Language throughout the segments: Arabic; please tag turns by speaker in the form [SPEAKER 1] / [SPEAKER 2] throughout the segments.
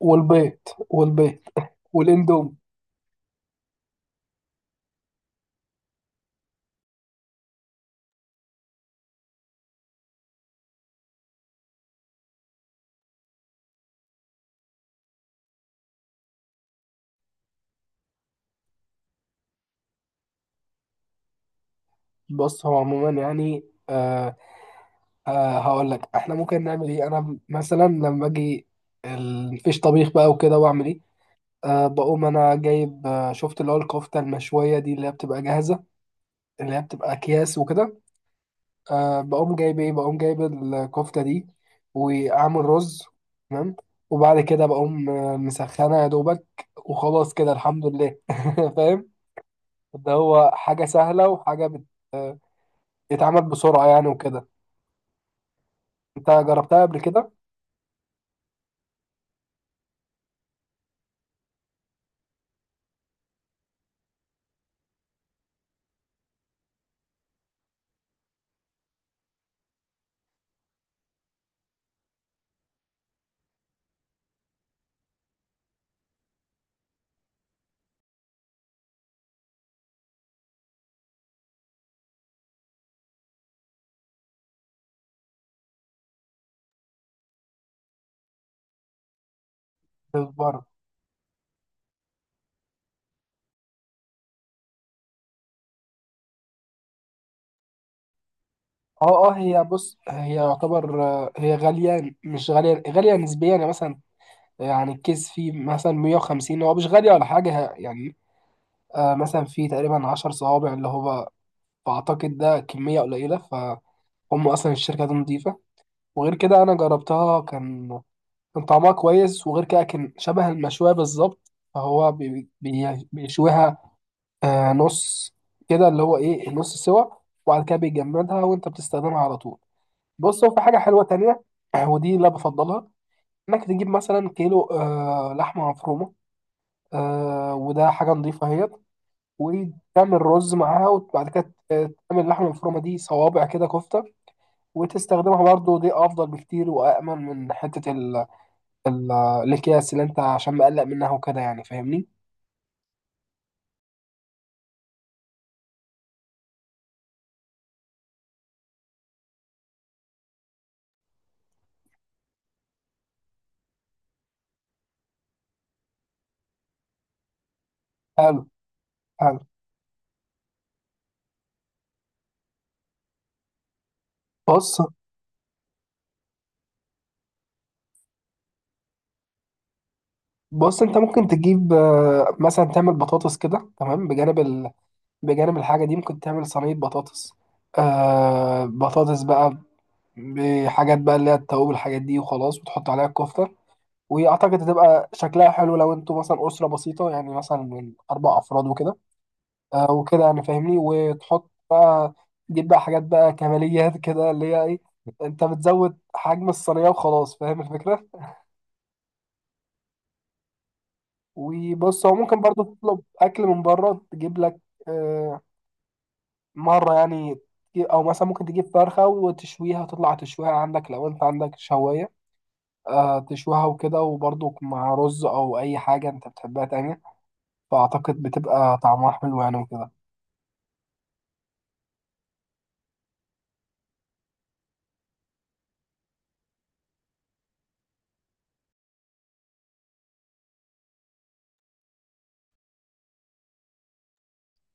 [SPEAKER 1] والبيض والبيض والاندومي. بص، هو عموما يعني آه هقول لك احنا ممكن نعمل ايه. انا مثلا لما اجي مفيش طبيخ بقى وكده، واعمل ايه؟ بقوم انا جايب، شفت اللي هو الكفته المشويه دي، اللي هي بتبقى جاهزه، اللي هي بتبقى اكياس وكده. بقوم جايب الكفته دي واعمل رز، تمام. وبعد كده بقوم مسخنه يا دوبك، وخلاص كده، الحمد لله. فاهم؟ ده هو حاجه سهله وحاجه بت آه، يتعمل بسرعة يعني وكده. انت جربتها قبل كده؟ بره. اه، اه، هي، بص، هي يعتبر، هي غالية، مش غالية، غالية نسبيا، يعني مثلا، يعني الكيس فيه مثلا 150، هو مش غالية ولا حاجة يعني. مثلا فيه تقريبا 10 صوابع، اللي هو بعتقد ده كمية قليلة. فهم أصلا الشركة دي نضيفة، وغير كده أنا جربتها، كان طعمها كويس. وغير كده، كان شبه المشوية بالظبط، فهو بيشويها نص كده، اللي هو ايه، نص سوا، وبعد كده بيجمدها وانت بتستخدمها على طول. بص، هو في حاجه حلوه تانية، ودي اللي أنا بفضلها، انك تجيب مثلا كيلو لحمه مفرومه، وده حاجه نظيفه اهيت، وتعمل رز معاها، وبعد كده تعمل اللحمه المفرومه دي صوابع كده، كفته، وتستخدمها. برضو دي افضل بكتير وامن من حته ال ال الاكياس اللي انت عشان مقلق منها وكده، يعني، فاهمني؟ حلو، حلو. بص، بص، انت ممكن تجيب مثلا تعمل بطاطس كده، تمام، بجانب بجانب الحاجه دي. ممكن تعمل صينيه بطاطس، بطاطس بقى، بحاجات بقى اللي هي التوابل، الحاجات دي، وخلاص، وتحط عليها الكفته، واعتقد هتبقى شكلها حلو، لو انتوا مثلا اسره بسيطه يعني، مثلا من اربع افراد وكده، وكده، يعني فاهمني؟ وتحط بقى، تجيب بقى حاجات بقى كماليات كده، اللي هي ايه، انت بتزود حجم الصينيه وخلاص، فاهم الفكره؟ وبص، هو ممكن برضو تطلب اكل من بره، تجيب لك آه، مره يعني، او مثلا ممكن تجيب فرخه وتشويها، تطلع تشويها عندك لو انت عندك شوايه، تشويها وكده، وبرضو مع رز او اي حاجه انت بتحبها تانية. فاعتقد بتبقى طعمها حلو يعني وكده.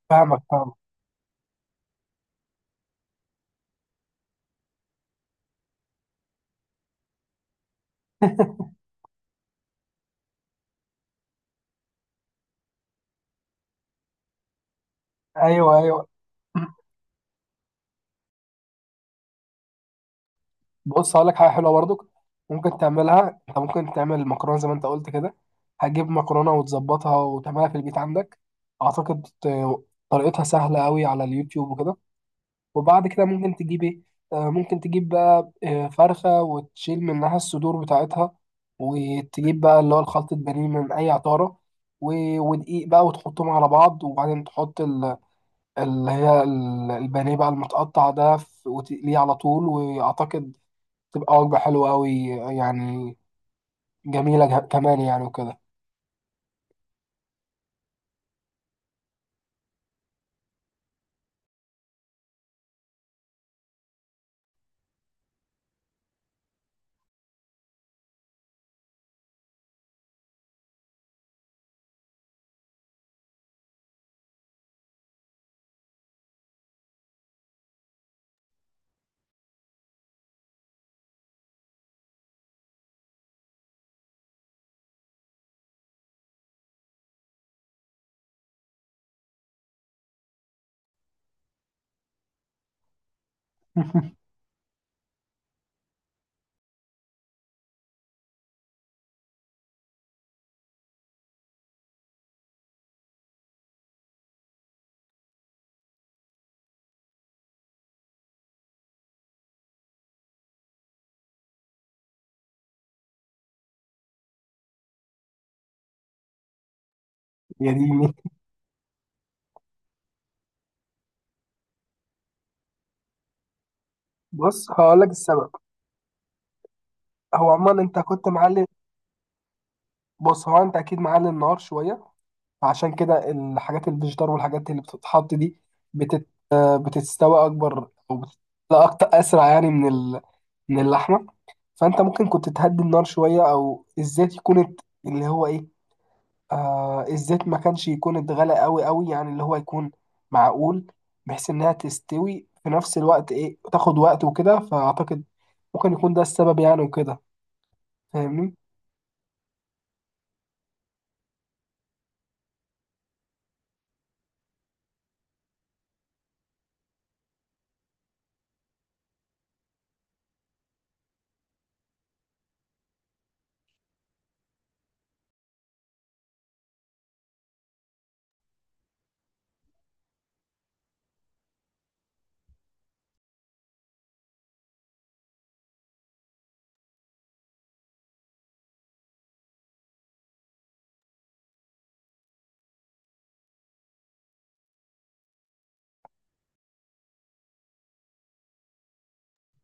[SPEAKER 1] فاهمك، فاهمك. ايوه، ايوه. بص، هقول لك حاجه حلوه برضك ممكن تعملها. انت ممكن تعمل مكرونه زي ما انت قلت كده. هتجيب مكرونه وتظبطها وتعملها في البيت عندك. اعتقد طريقتها سهله قوي على اليوتيوب وكده. وبعد كده ممكن تجيب ايه، ممكن تجيب بقى فرخه وتشيل منها الصدور بتاعتها، وتجيب بقى اللي هو الخلطة بانيه من اي عطاره، ودقيق بقى، وتحطهم على بعض، وبعدين تحط البانيه بقى المتقطع ده، وتقليه على طول. واعتقد تبقى وجبة حلوة أوي يعني، جميلة كمان يعني وكده. يا ديني. بص، هقول لك السبب. هو عموما أنت كنت معلي بص، هو أنت أكيد معلي النار شوية، فعشان كده الحاجات، الفيجيتار والحاجات اللي بتتحط دي بتت... بتستوي أكبر، أو بتتسلق أكتر، أسرع يعني، من اللحمة. فأنت ممكن كنت تهدي النار شوية، أو الزيت يكون اللي هو إيه، الزيت ما كانش يكون اتغلى قوي قوي يعني، اللي هو يكون معقول، بحيث انها تستوي في نفس الوقت، ايه، تاخد وقت وكده. فاعتقد ممكن يكون ده السبب يعني وكده، فاهمني؟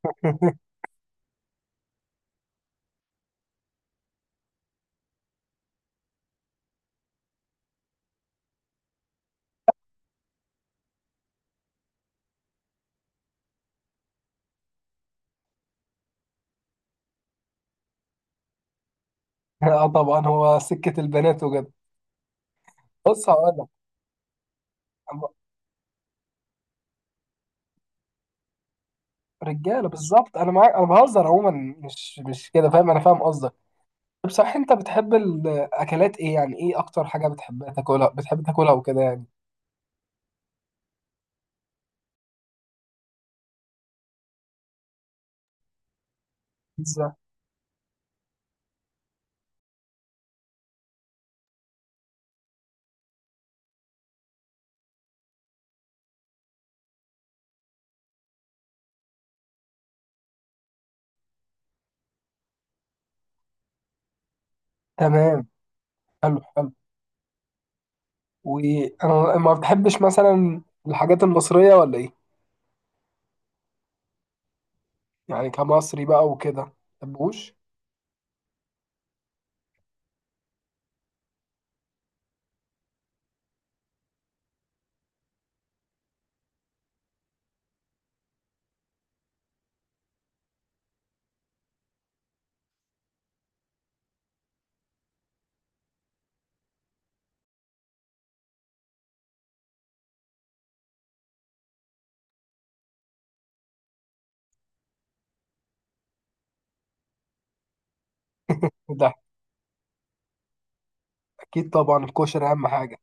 [SPEAKER 1] اه، طبعا، هو سكة البنات وكده. بص، هقول لك. رجاله بالظبط، انا معاك، انا بهزر عموما، مش كده، فاهم؟ انا فاهم قصدك. طب صح، انت بتحب الاكلات ايه؟ يعني ايه اكتر حاجه بتحبها تاكلها، بتحب تاكلها وكده يعني؟ بيتزا. تمام. حلو، حلو. وانا، ما بتحبش مثلا الحاجات المصرية ولا ايه؟ يعني كمصري بقى وكده، ما بتحبوش؟ ده اكيد طبعا، الكشري اهم حاجة.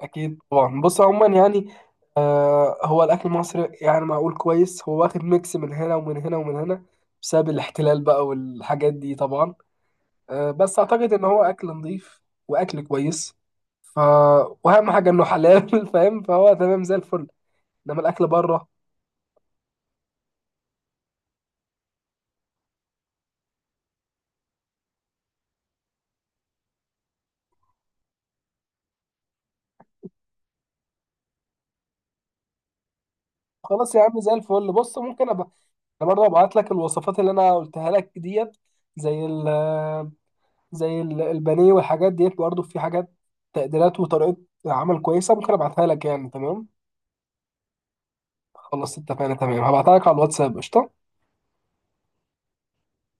[SPEAKER 1] اكيد طبعا. بص، عموما يعني، هو الاكل المصري يعني معقول كويس. هو واخد ميكس من هنا ومن هنا ومن هنا، بسبب الاحتلال بقى والحاجات دي طبعا. بس اعتقد ان هو اكل نظيف واكل كويس، ف واهم حاجة انه حلال. فاهم؟ فهو تمام زي الفل، انما الاكل بره. خلاص يا عم، زي الفل. بص، ممكن ابقى، انا برضه هبعت لك الوصفات اللي انا قلتها لك ديت، زي ال آه، زي ال- البانيه والحاجات ديت. برضه في حاجات، تقديرات وطريقه عمل كويسه، ممكن ابعتها لك يعني، تمام؟ خلاص اتفقنا، تمام، هبعتها لك على الواتساب، قشطه.